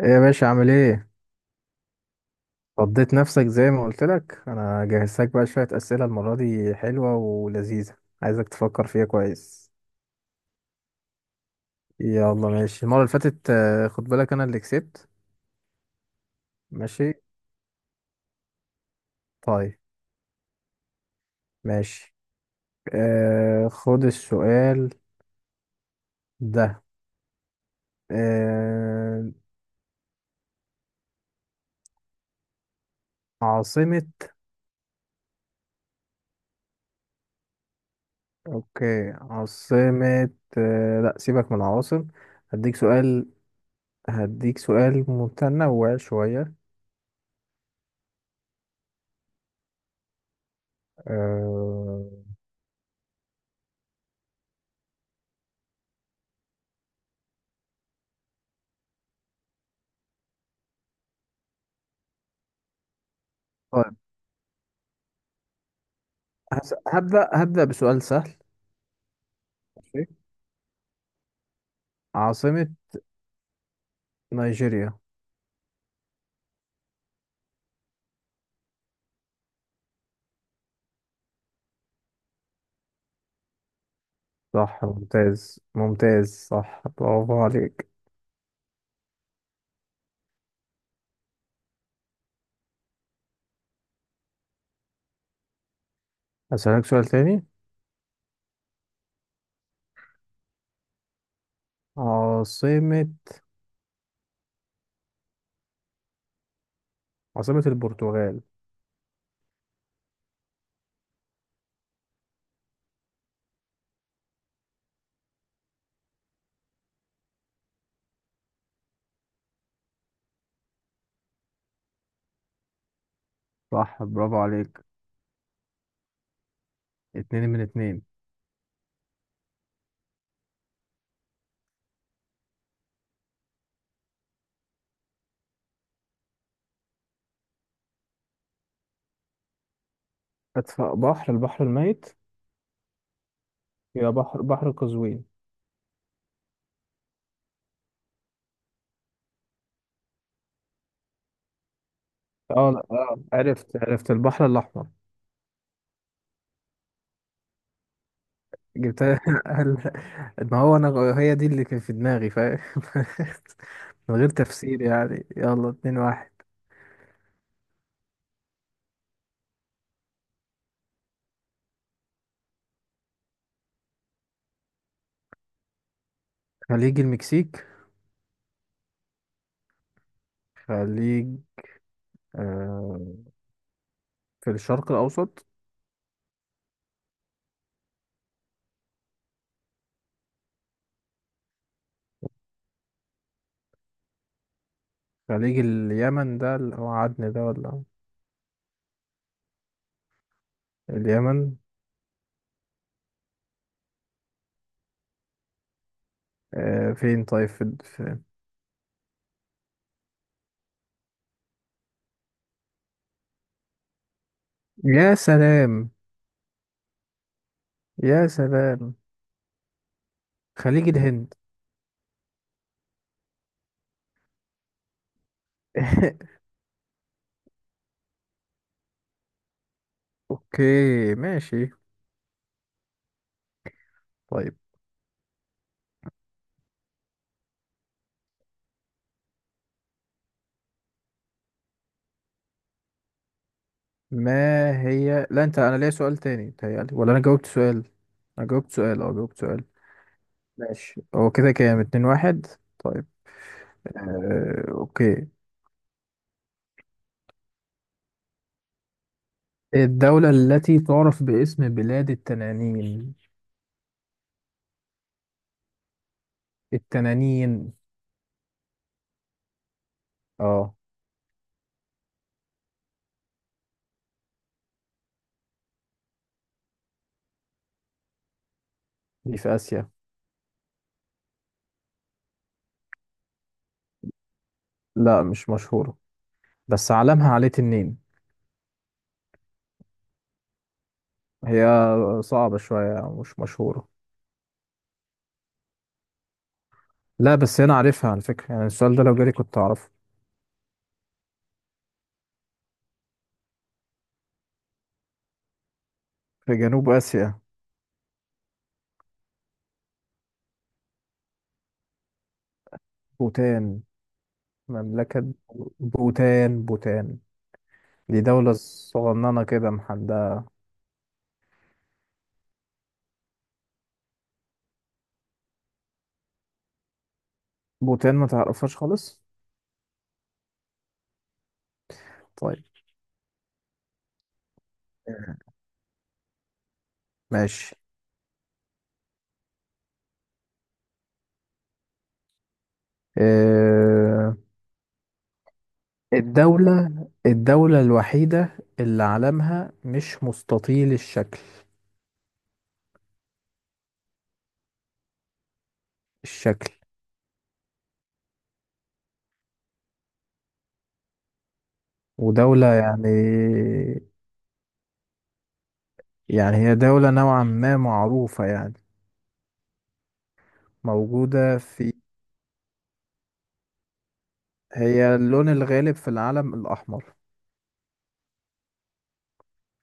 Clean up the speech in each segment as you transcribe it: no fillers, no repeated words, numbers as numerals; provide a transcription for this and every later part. ايه يا باشا عامل ايه؟ فضيت نفسك زي ما قلت لك، انا جهزتك بقى شوية أسئلة المرة دي حلوة ولذيذة، عايزك تفكر فيها كويس. يلا ماشي، المرة اللي فاتت خد بالك انا اللي كسبت. ماشي. طيب. ماشي. آه، خد السؤال ده. آه. عاصمة. اوكي عاصمة. آه لا، سيبك من العواصم، هديك سؤال. هديك سؤال متنوع شوية. آه... طيب. هبدأ بسؤال سهل. ماشي. عاصمة نيجيريا. صح، ممتاز ممتاز، صح، برافو عليك. أسألك سؤال تاني. عاصمة عاصمة البرتغال. صح، برافو عليك. اتنين من اتنين. أدفأ بحر البحر الميت. يبقى بحر قزوين. اه لا، اه، عرفت، البحر الأحمر. جبتها. ما هو أنا هي دي اللي كانت في دماغي، فاهم. من غير تفسير يعني. يلا اتنين واحد. خليج المكسيك. خليج. آه، في الشرق الأوسط. خليج اليمن، ده اللي هو عدن ده، ولا اليمن. آه فين؟ طيب في، يا سلام. يا سلام. خليج الهند. أوكي ماشي. طيب. ما هي، لا أنت، أنا ليا سؤال تاني بتهيألي ولا أنا جاوبت سؤال؟ أنا جاوبت سؤال، أه جاوبت سؤال. ماشي، هو كده كام؟ اتنين واحد. طيب. آه أوكي. الدولة التي تعرف باسم بلاد التنانين. التنانين. اه. دي في آسيا. لا مش مشهورة، بس علمها عليه تنين. هي صعبة شوية أو مش مشهورة. لا بس أنا عارفها على فكرة يعني، السؤال ده لو جالي كنت أعرفه. في جنوب آسيا. بوتان. مملكة. بوتان. دي دولة صغننة كده محددة. بوتان ما تعرفهاش خالص؟ طيب. ماشي. أه. الدولة الدولة الوحيدة اللي علمها مش مستطيل الشكل. الشكل. ودولة يعني. يعني هي دولة نوعا ما معروفة يعني، موجودة في. هي اللون الغالب في العلم الأحمر.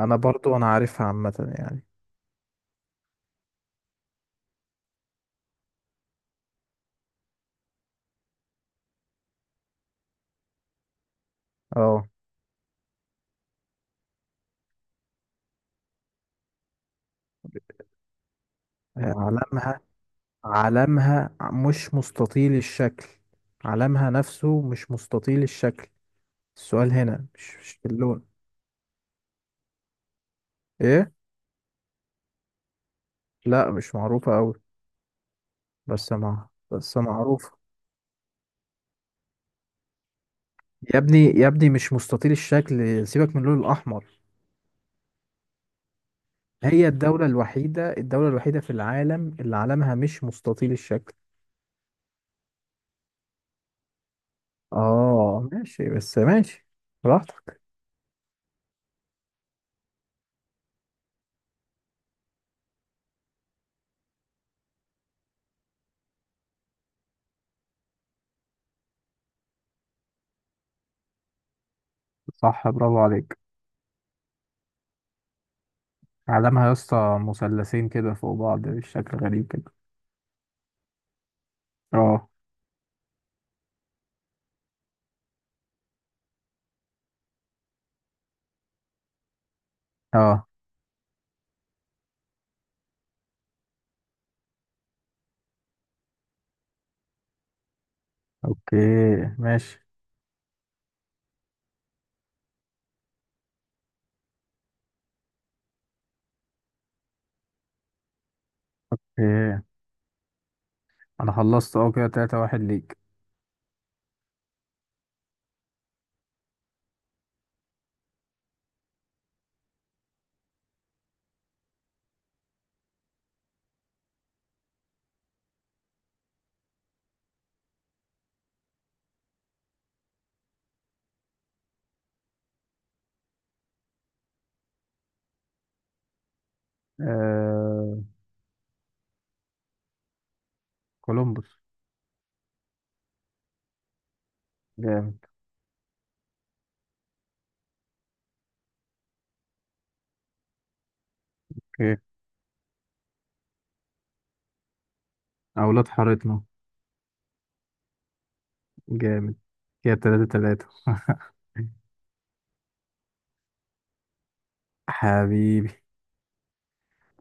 أنا برضو أنا عارفها عامة يعني. اه. هي علمها، علمها مش مستطيل الشكل، علمها نفسه مش مستطيل الشكل. السؤال هنا مش في اللون. إيه؟ لا مش معروفة أوي، بس معروفة. يا ابني يا ابني، مش مستطيل الشكل، سيبك من اللون الأحمر. هي الدولة الوحيدة، الدولة الوحيدة في العالم اللي علمها مش مستطيل الشكل. اه ماشي، بس ماشي. براحتك. صح، برافو عليك. علمها يا اسطى مثلثين كده فوق بعض بشكل غريب كده. اه. اه. اوكي ماشي. ايه؟ انا خلصت، اه، كده تلاتة واحد ليك. آه. كولومبوس. جامد. اوكي. اولاد حارتنا. جامد. كده تلاتة تلاتة. حبيبي.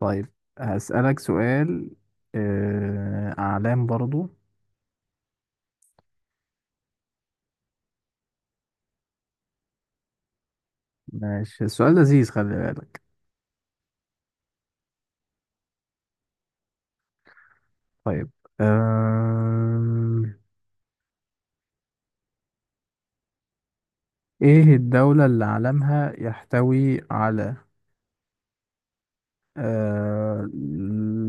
طيب، هسألك سؤال، آه، أعلام برضو. ماشي، السؤال لذيذ خلي بالك. طيب. آم، إيه الدولة اللي علمها يحتوي على، آه،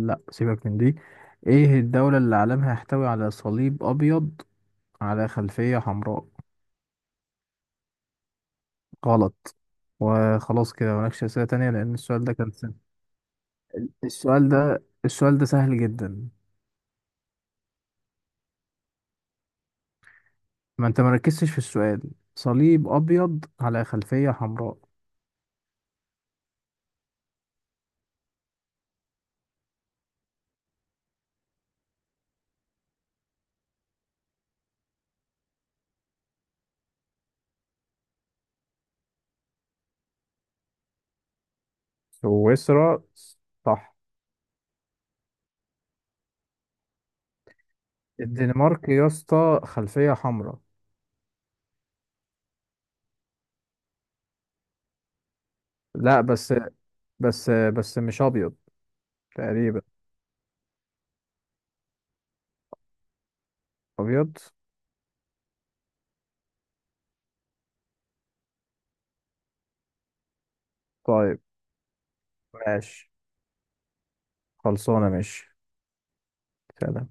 لا سيبك من دي. إيه الدولة اللي علمها يحتوي على صليب أبيض على خلفية حمراء؟ غلط. وخلاص كده مالكش أسئلة تانية، لأن السؤال ده كان سهل. السؤال ده سهل جدا. ما انت مركزتش في السؤال، صليب ابيض على خلفية حمراء. سويسرا، صح. الدنمارك يا اسطى خلفية حمراء. لا بس، بس مش ابيض. تقريبا. ابيض. طيب ماشي. خلصانة، ماشي. سلام.